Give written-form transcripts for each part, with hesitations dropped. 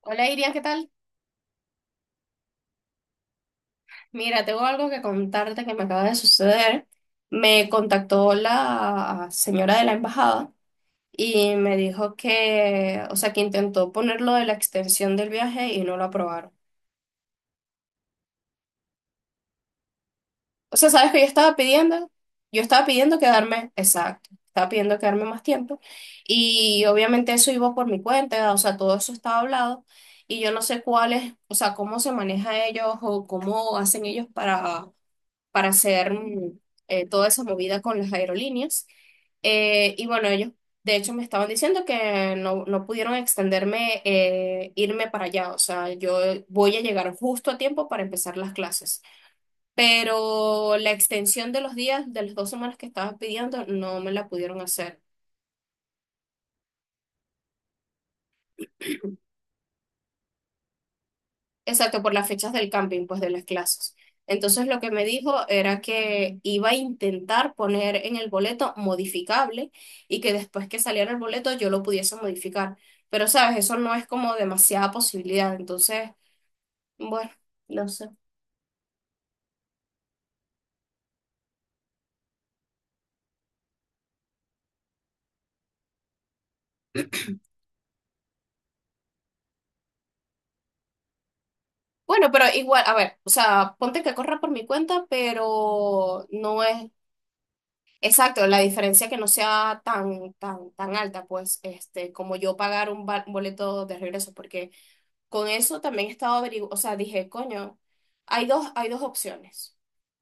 Hola Iria, ¿qué tal? Mira, tengo algo que contarte que me acaba de suceder. Me contactó la señora de la embajada y me dijo que, o sea, que intentó ponerlo de la extensión del viaje y no lo aprobaron. O sea, ¿sabes qué yo estaba pidiendo? Yo estaba pidiendo quedarme, exacto, estaba pidiendo quedarme más tiempo y obviamente eso iba por mi cuenta, o sea, todo eso estaba hablado y yo no sé cuál es, o sea, cómo se maneja ellos o cómo hacen ellos para hacer toda esa movida con las aerolíneas. Y bueno, ellos de hecho me estaban diciendo que no, no pudieron extenderme, irme para allá. O sea, yo voy a llegar justo a tiempo para empezar las clases. Pero la extensión de los días, de las dos semanas que estaba pidiendo, no me la pudieron hacer. Exacto, por las fechas del camping, pues de las clases. Entonces lo que me dijo era que iba a intentar poner en el boleto modificable y que después que saliera el boleto yo lo pudiese modificar. Pero sabes, eso no es como demasiada posibilidad. Entonces, bueno, no sé. Bueno, pero igual, a ver, o sea, ponte que corra por mi cuenta, pero no es exacto la diferencia que no sea tan, tan, tan alta, pues, este, como yo pagar un boleto de regreso, porque con eso también he estado averiguando, o sea, dije, coño, hay dos opciones,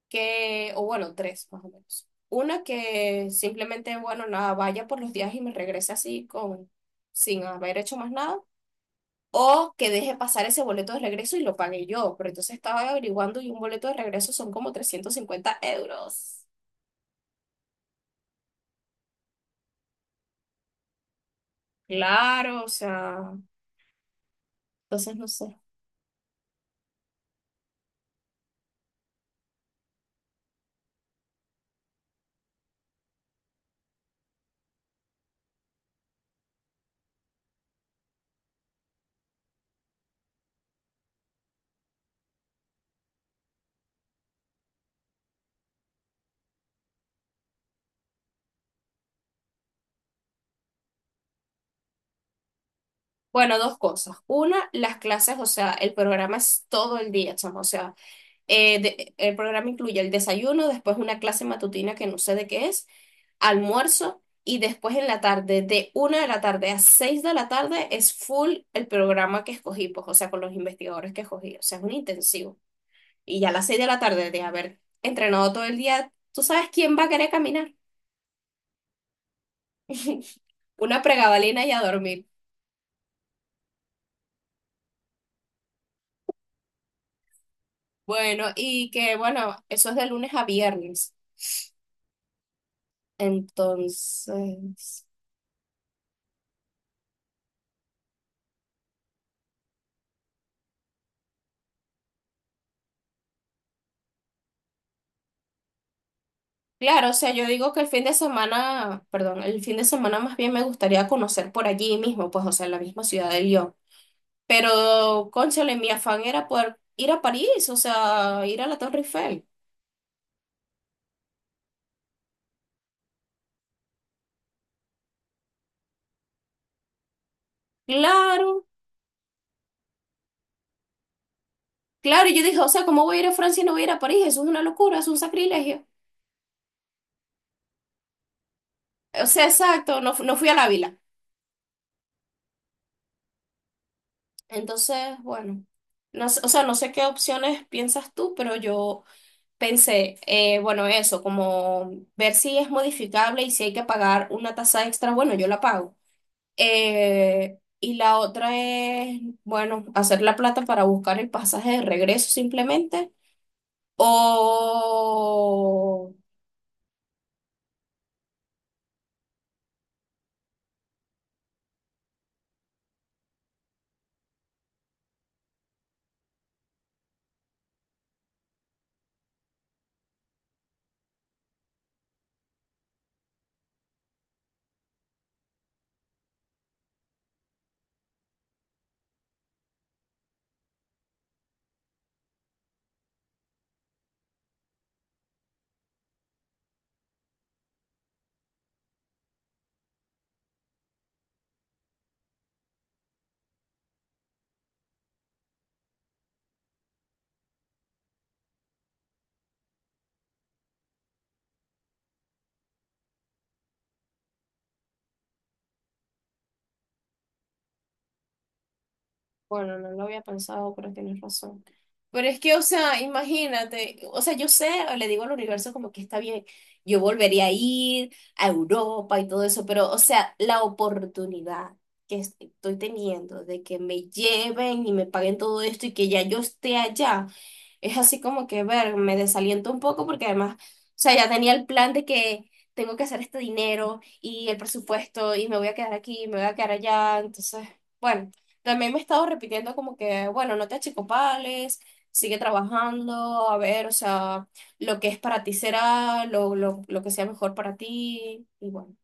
que, o bueno, tres más o menos. Una que simplemente, bueno, nada, vaya por los días y me regrese así con, sin haber hecho más nada, o que deje pasar ese boleto de regreso y lo pague yo, pero entonces estaba averiguando y un boleto de regreso son como 350 euros. Claro, o sea, entonces no sé. Bueno, dos cosas. Una, las clases, o sea, el programa es todo el día, chamo, o sea. El programa incluye el desayuno, después una clase matutina que no sé de qué es, almuerzo y después en la tarde, de una de la tarde a seis de la tarde, es full el programa que escogí, pues, o sea, con los investigadores que escogí, o sea, es un intensivo. Y ya a las seis de la tarde de haber entrenado todo el día, ¿tú sabes quién va a querer caminar? Una pregabalina y a dormir. Bueno, y que bueno, eso es de lunes a viernes. Entonces… Claro, o sea, yo digo que el fin de semana, perdón, el fin de semana más bien me gustaría conocer por allí mismo, pues, o sea, en la misma ciudad de Lyon. Pero, cónchale, mi afán era poder ir a París, o sea, ir a la Torre Eiffel. Claro, claro, y yo dije, o sea, ¿cómo voy a ir a Francia y no voy a ir a París? Eso es una locura, es un sacrilegio. O sea, exacto, no, no fui a la Ávila. Entonces, bueno, no, o sea, no sé qué opciones piensas tú, pero yo pensé, bueno, eso, como ver si es modificable y si hay que pagar una tasa extra, bueno, yo la pago. Y la otra es, bueno, hacer la plata para buscar el pasaje de regreso simplemente. O bueno, no lo había pensado, pero tienes razón. Pero es que, o sea, imagínate, o sea, yo sé, le digo al universo como que está bien, yo volvería a ir a Europa y todo eso, pero, o sea, la oportunidad que estoy teniendo de que me lleven y me paguen todo esto y que ya yo esté allá, es así como que, ver, me desaliento un poco porque además, o sea, ya tenía el plan de que tengo que hacer este dinero y el presupuesto y me voy a quedar aquí, me voy a quedar allá, entonces, bueno. También me he estado repitiendo como que, bueno, no te achicopales, sigue trabajando, a ver, o sea, lo que es para ti será, lo que sea mejor para ti, y bueno.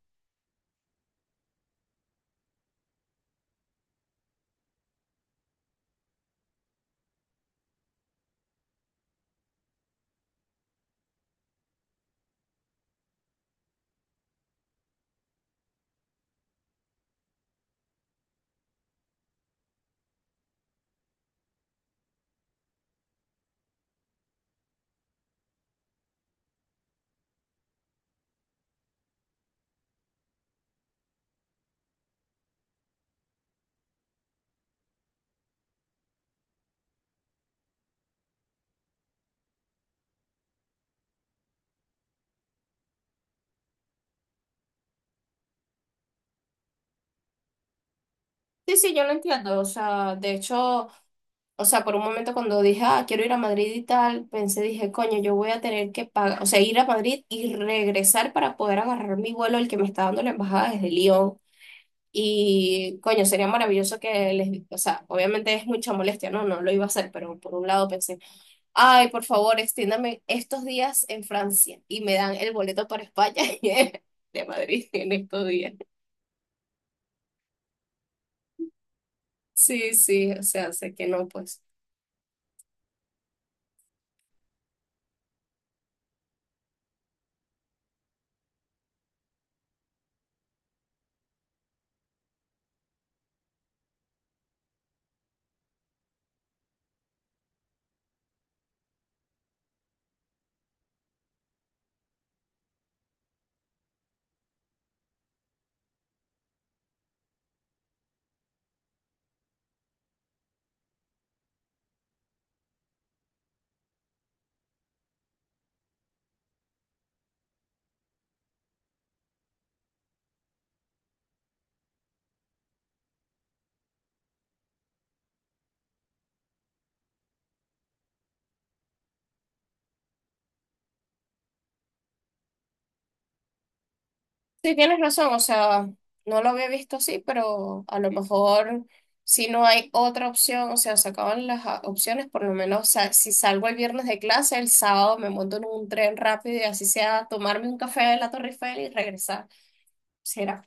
Sí, sí, yo lo entiendo, o sea, de hecho, o sea, por un momento cuando dije, ah, quiero ir a Madrid y tal, pensé, dije, coño, yo voy a tener que pagar, o sea, ir a Madrid y regresar para poder agarrar mi vuelo, el que me está dando la embajada desde Lyon. Y coño, sería maravilloso que les, o sea, obviamente es mucha molestia, no, no lo iba a hacer, pero por un lado pensé, ay, por favor, extiéndame estos días en Francia y me dan el boleto para España y el de Madrid en estos días. Sí, sí, o sea, sé que no, pues. Sí, tienes razón, o sea, no lo había visto así, pero a lo mejor si no hay otra opción, o sea, se acaban las opciones, por lo menos, o sea, si salgo el viernes de clase, el sábado me monto en un tren rápido y así sea tomarme un café de la Torre Eiffel y regresar. Será.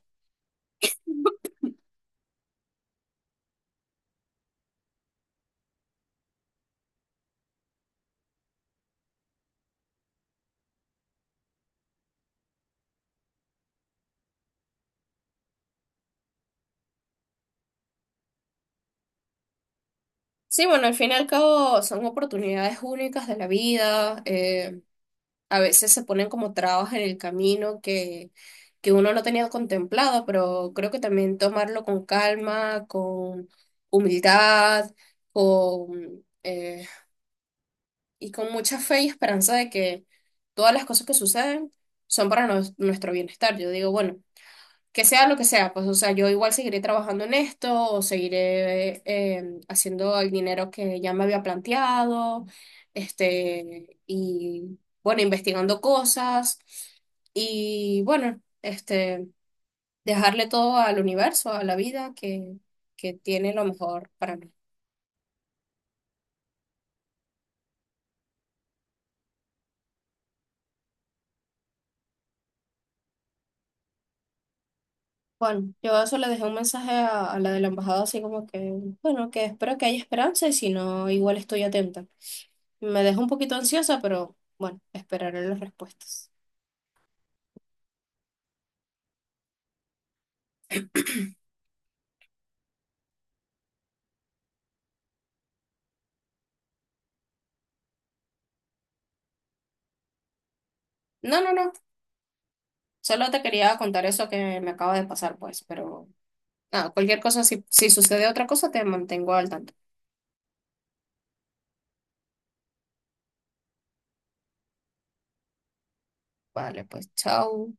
Sí, bueno, al fin y al cabo son oportunidades únicas de la vida. A veces se ponen como trabas en el camino que uno no tenía contemplado, pero creo que también tomarlo con calma, con humildad, con, eh, y con mucha fe y esperanza de que todas las cosas que suceden son para nuestro bienestar. Yo digo, bueno, que sea lo que sea, pues, o sea, yo igual seguiré trabajando en esto o seguiré haciendo el dinero que ya me había planteado, este, y bueno, investigando cosas y bueno, este, dejarle todo al universo, a la vida que tiene lo mejor para mí. Bueno, yo eso le dejé un mensaje a la de la embajada, así como que, bueno, que espero que haya esperanza y si no, igual estoy atenta. Me dejó un poquito ansiosa, pero bueno, esperaré las respuestas. No, no, no, solo te quería contar eso que me acaba de pasar, pues, pero nada, cualquier cosa, si, si sucede otra cosa, te mantengo al tanto. Vale, pues, chao.